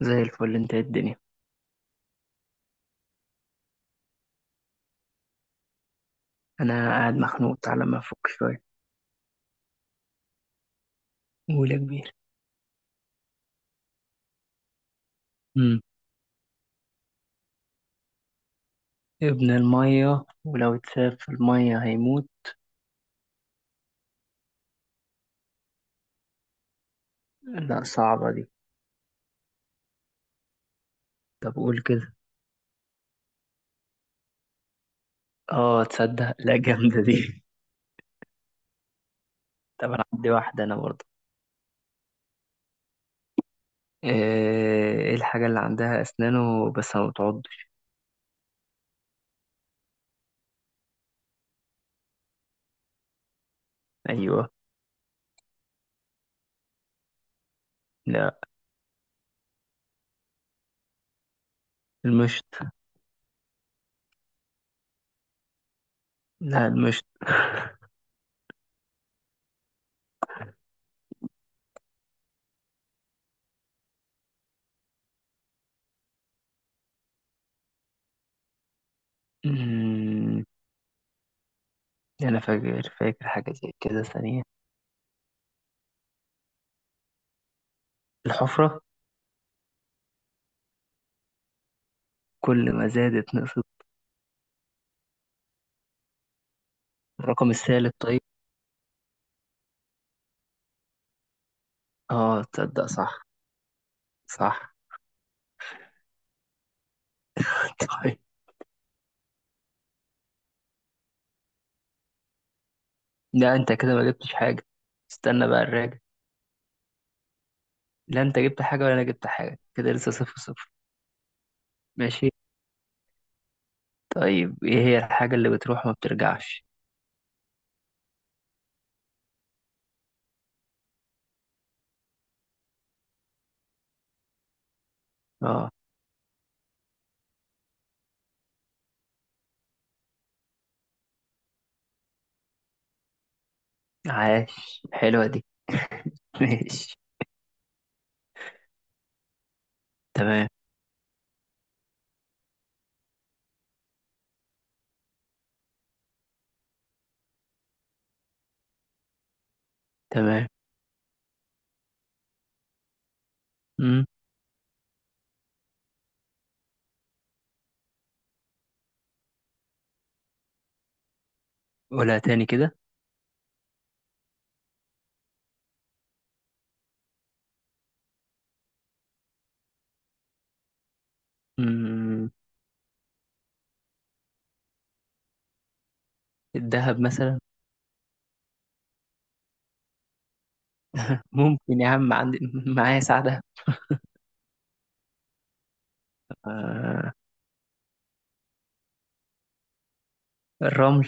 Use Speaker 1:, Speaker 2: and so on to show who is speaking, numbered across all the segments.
Speaker 1: زي الفل. انت ايه الدنيا؟ انا قاعد مخنوق، تعالى ما افك شويه. قول يا كبير. امم ابن الميه ولو اتساب في الميه هيموت، لا صعبه دي. طب قول كده. اه تصدق، لا جامده دي. طب انا عندي واحده انا برضه. ايه ايه الحاجه اللي عندها اسنانه بس ما بتعضش؟ ايوه. لا المشط. لا المشط. امم انا فاكر حاجه زي كده ثانيه. الحفره كل ما زادت نقصت. الرقم الثالث طيب. اه تصدق صح. صح. طيب لا انت كده ما جبتش حاجة. استنى بقى الراجع. لا انت جبت حاجة ولا انا جبت حاجة كده، لسه صفر صفر. ماشي. طيب ايه هي الحاجة اللي بتروح وما بترجعش؟ اه عاش، حلوة دي. ماشي. تمام. تمام. امم قولها تاني كده. امم الذهب مثلا. ممكن يا عم، عندي معايا ساعدة. آه. الرمل.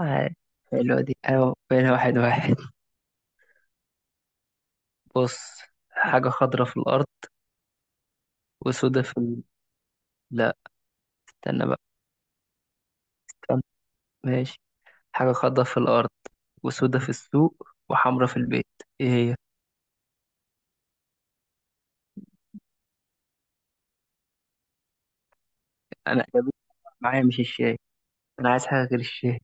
Speaker 1: عاش حلوة دي، ايوه بقينا واحد واحد. بص، حاجة خضرة في الأرض وسودة في ال... لا استنى بقى. ماشي. حاجة خضراء في الأرض وسودة في السوق وحمرا في البيت، إيه هي؟ أنا جابت معايا مش الشاي. أنا عايز حاجة غير الشاي.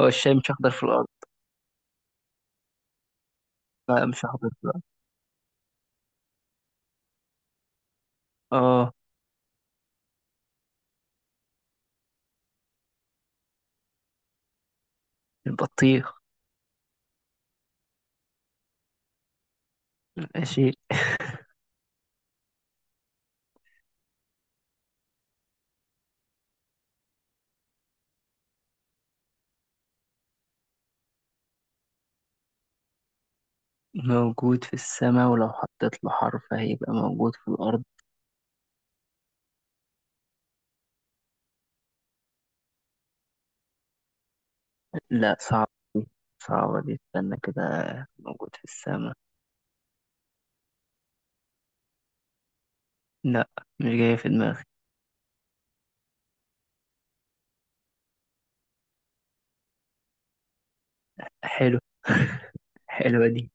Speaker 1: هو الشاي مش أخضر في الأرض؟ لا مش أخضر في الأرض. آه البطيخ. ماشي. موجود في السماء ولو حطيت له حرف هيبقى موجود في الأرض. لا صعب، دي، صعبة دي استنى كده. موجود في السماء، لا مش جاية في دماغي. حلو حلوة دي.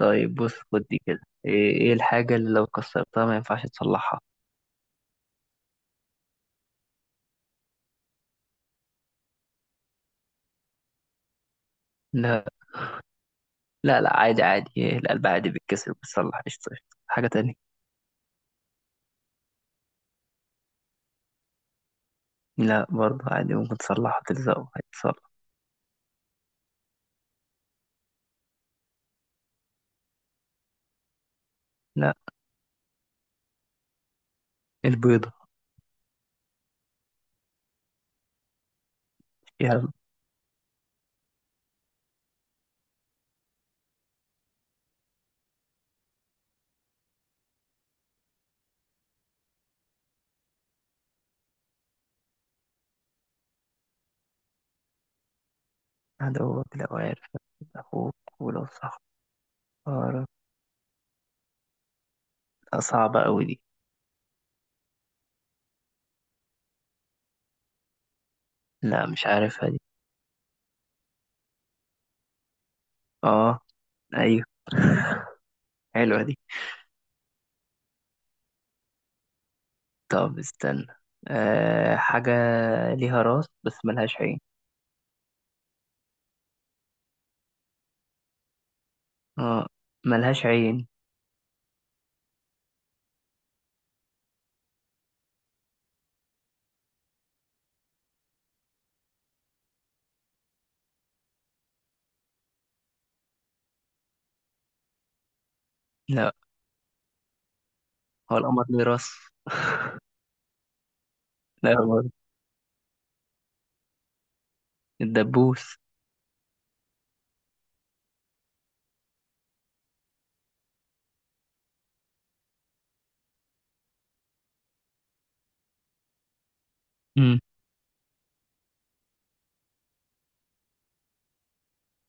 Speaker 1: طيب بص خد دي كده. ايه إيه الحاجة اللي لو كسرتها ما ينفعش تصلحها؟ لا لا لا عادي عادي، إيه، القلب عادي بيتكسر بتصلح قشطة قشطة، حاجة تانية. لا برضه عادي ممكن تصلحها، تلزقه هيتصلح. لا البيضة. يلا. عدوك لو عارف أخوك، ولو صح. لا صعبة أوي دي. لا مش عارفها دي. اه. أيوه حلوة دي. طب استنى. أه حاجة ليها راس بس ملهاش عين. اه ملهاش عين. لا، هو القمر ليه راس؟ لا برضه. الدبوس. مم.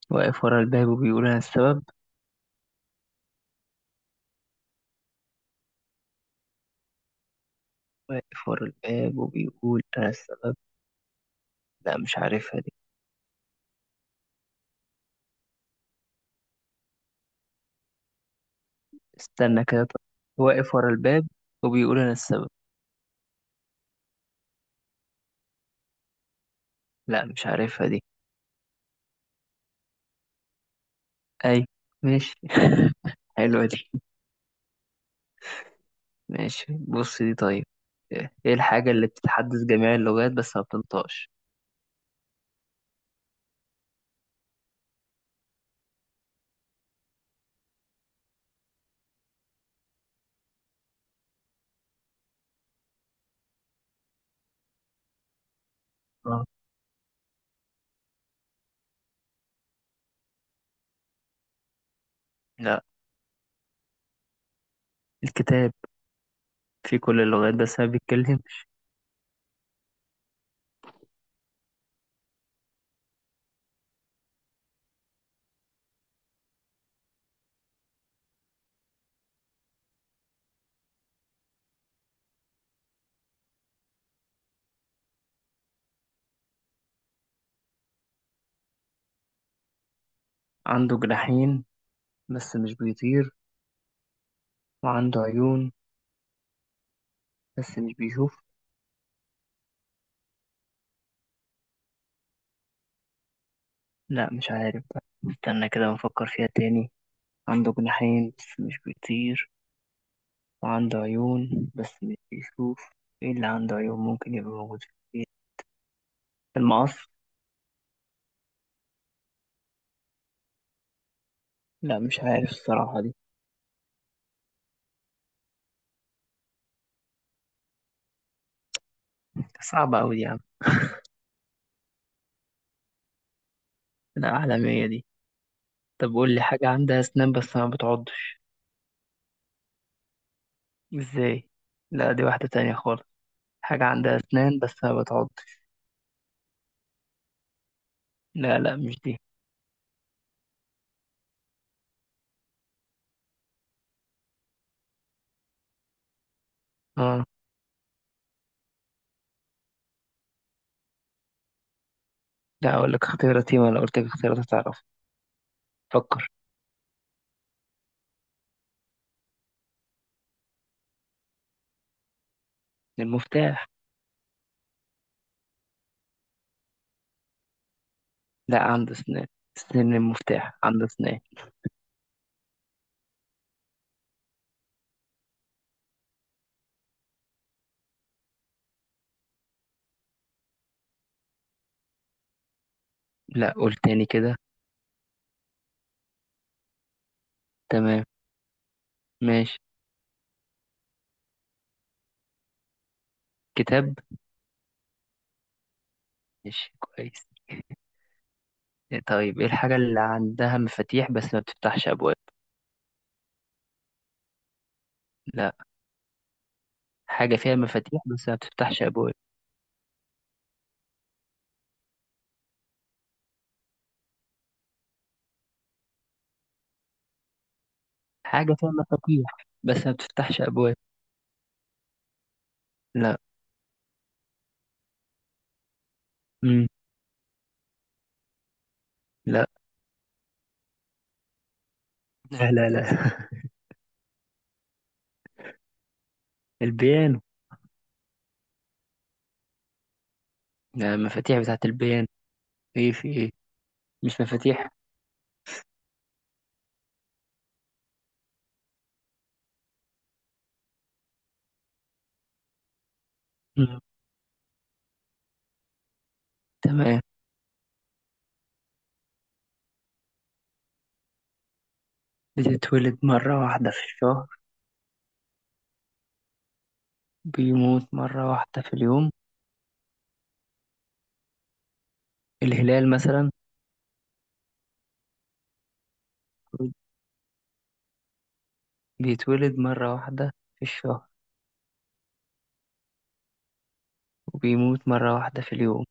Speaker 1: واقف ورا الباب وبيقول أنا السبب. واقف ورا الباب وبيقول أنا السبب. لا مش عارفها دي. استنى كده طب. واقف ورا الباب وبيقول أنا السبب. لا مش عارفها دي. أي ماشي حلوة دي. ماشي بص، دي طيب. إيه الحاجة اللي بتتحدث جميع اللغات بس ما بتنطقش؟ آه. لا الكتاب، في كل اللغات بس ما بيتكلم. عنده جناحين بس مش بيطير، وعنده عيون بس مش بيشوف. لا مش عارف بقى. استنى كده بفكر فيها تاني. عنده جناحين بس مش بيطير وعنده عيون بس مش بيشوف. ايه اللي عنده عيون ممكن يبقى موجود؟ المقص. لا مش عارف الصراحة دي. صعبة أوي دي يا عم. لا عالمية دي. طب قول لي حاجة عندها أسنان بس ما بتعضش. ازاي؟ لا دي واحدة تانية خالص. حاجة عندها أسنان بس ما بتعضش. لا لا مش دي. اه. لا أقول لك اختياراتي ولا قلت لك اختيارات هتعرف. فكر. المفتاح. لا عنده أسنان، أسنان المفتاح، عنده أسنان. لا قول تاني كده. تمام. ماشي. كتاب. ماشي كويس. طيب ايه الحاجة اللي عندها مفاتيح بس ما بتفتحش أبواب؟ لا. حاجة فيها مفاتيح بس ما بتفتحش أبواب. حاجة فيها مفاتيح بس ما بتفتحش أبواب. لا. مم. لا لا لا لا البيانو. لا المفاتيح بتاعت البيانو. ايه في ايه. مش مفاتيح. مم. تمام. بتتولد مرة واحدة في الشهر، بيموت مرة واحدة في اليوم. الهلال مثلا. بيتولد مرة واحدة في الشهر وبيموت مرة واحدة في اليوم.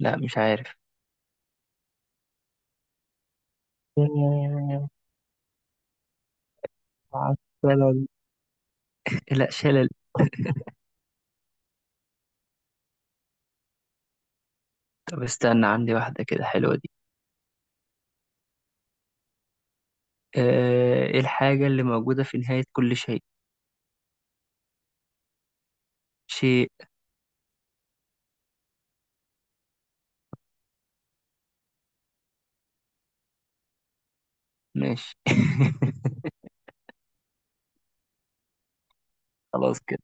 Speaker 1: لا مش عارف. مع السلامة. لا شلل. طب استنى، عندي واحدة كده حلوة دي. آه، ايه الحاجة اللي موجودة في نهاية كل شيء؟ شيء. ماشي خلاص كده.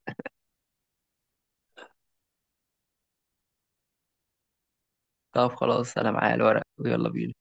Speaker 1: طب خلاص انا معايا الورق ويلا بينا.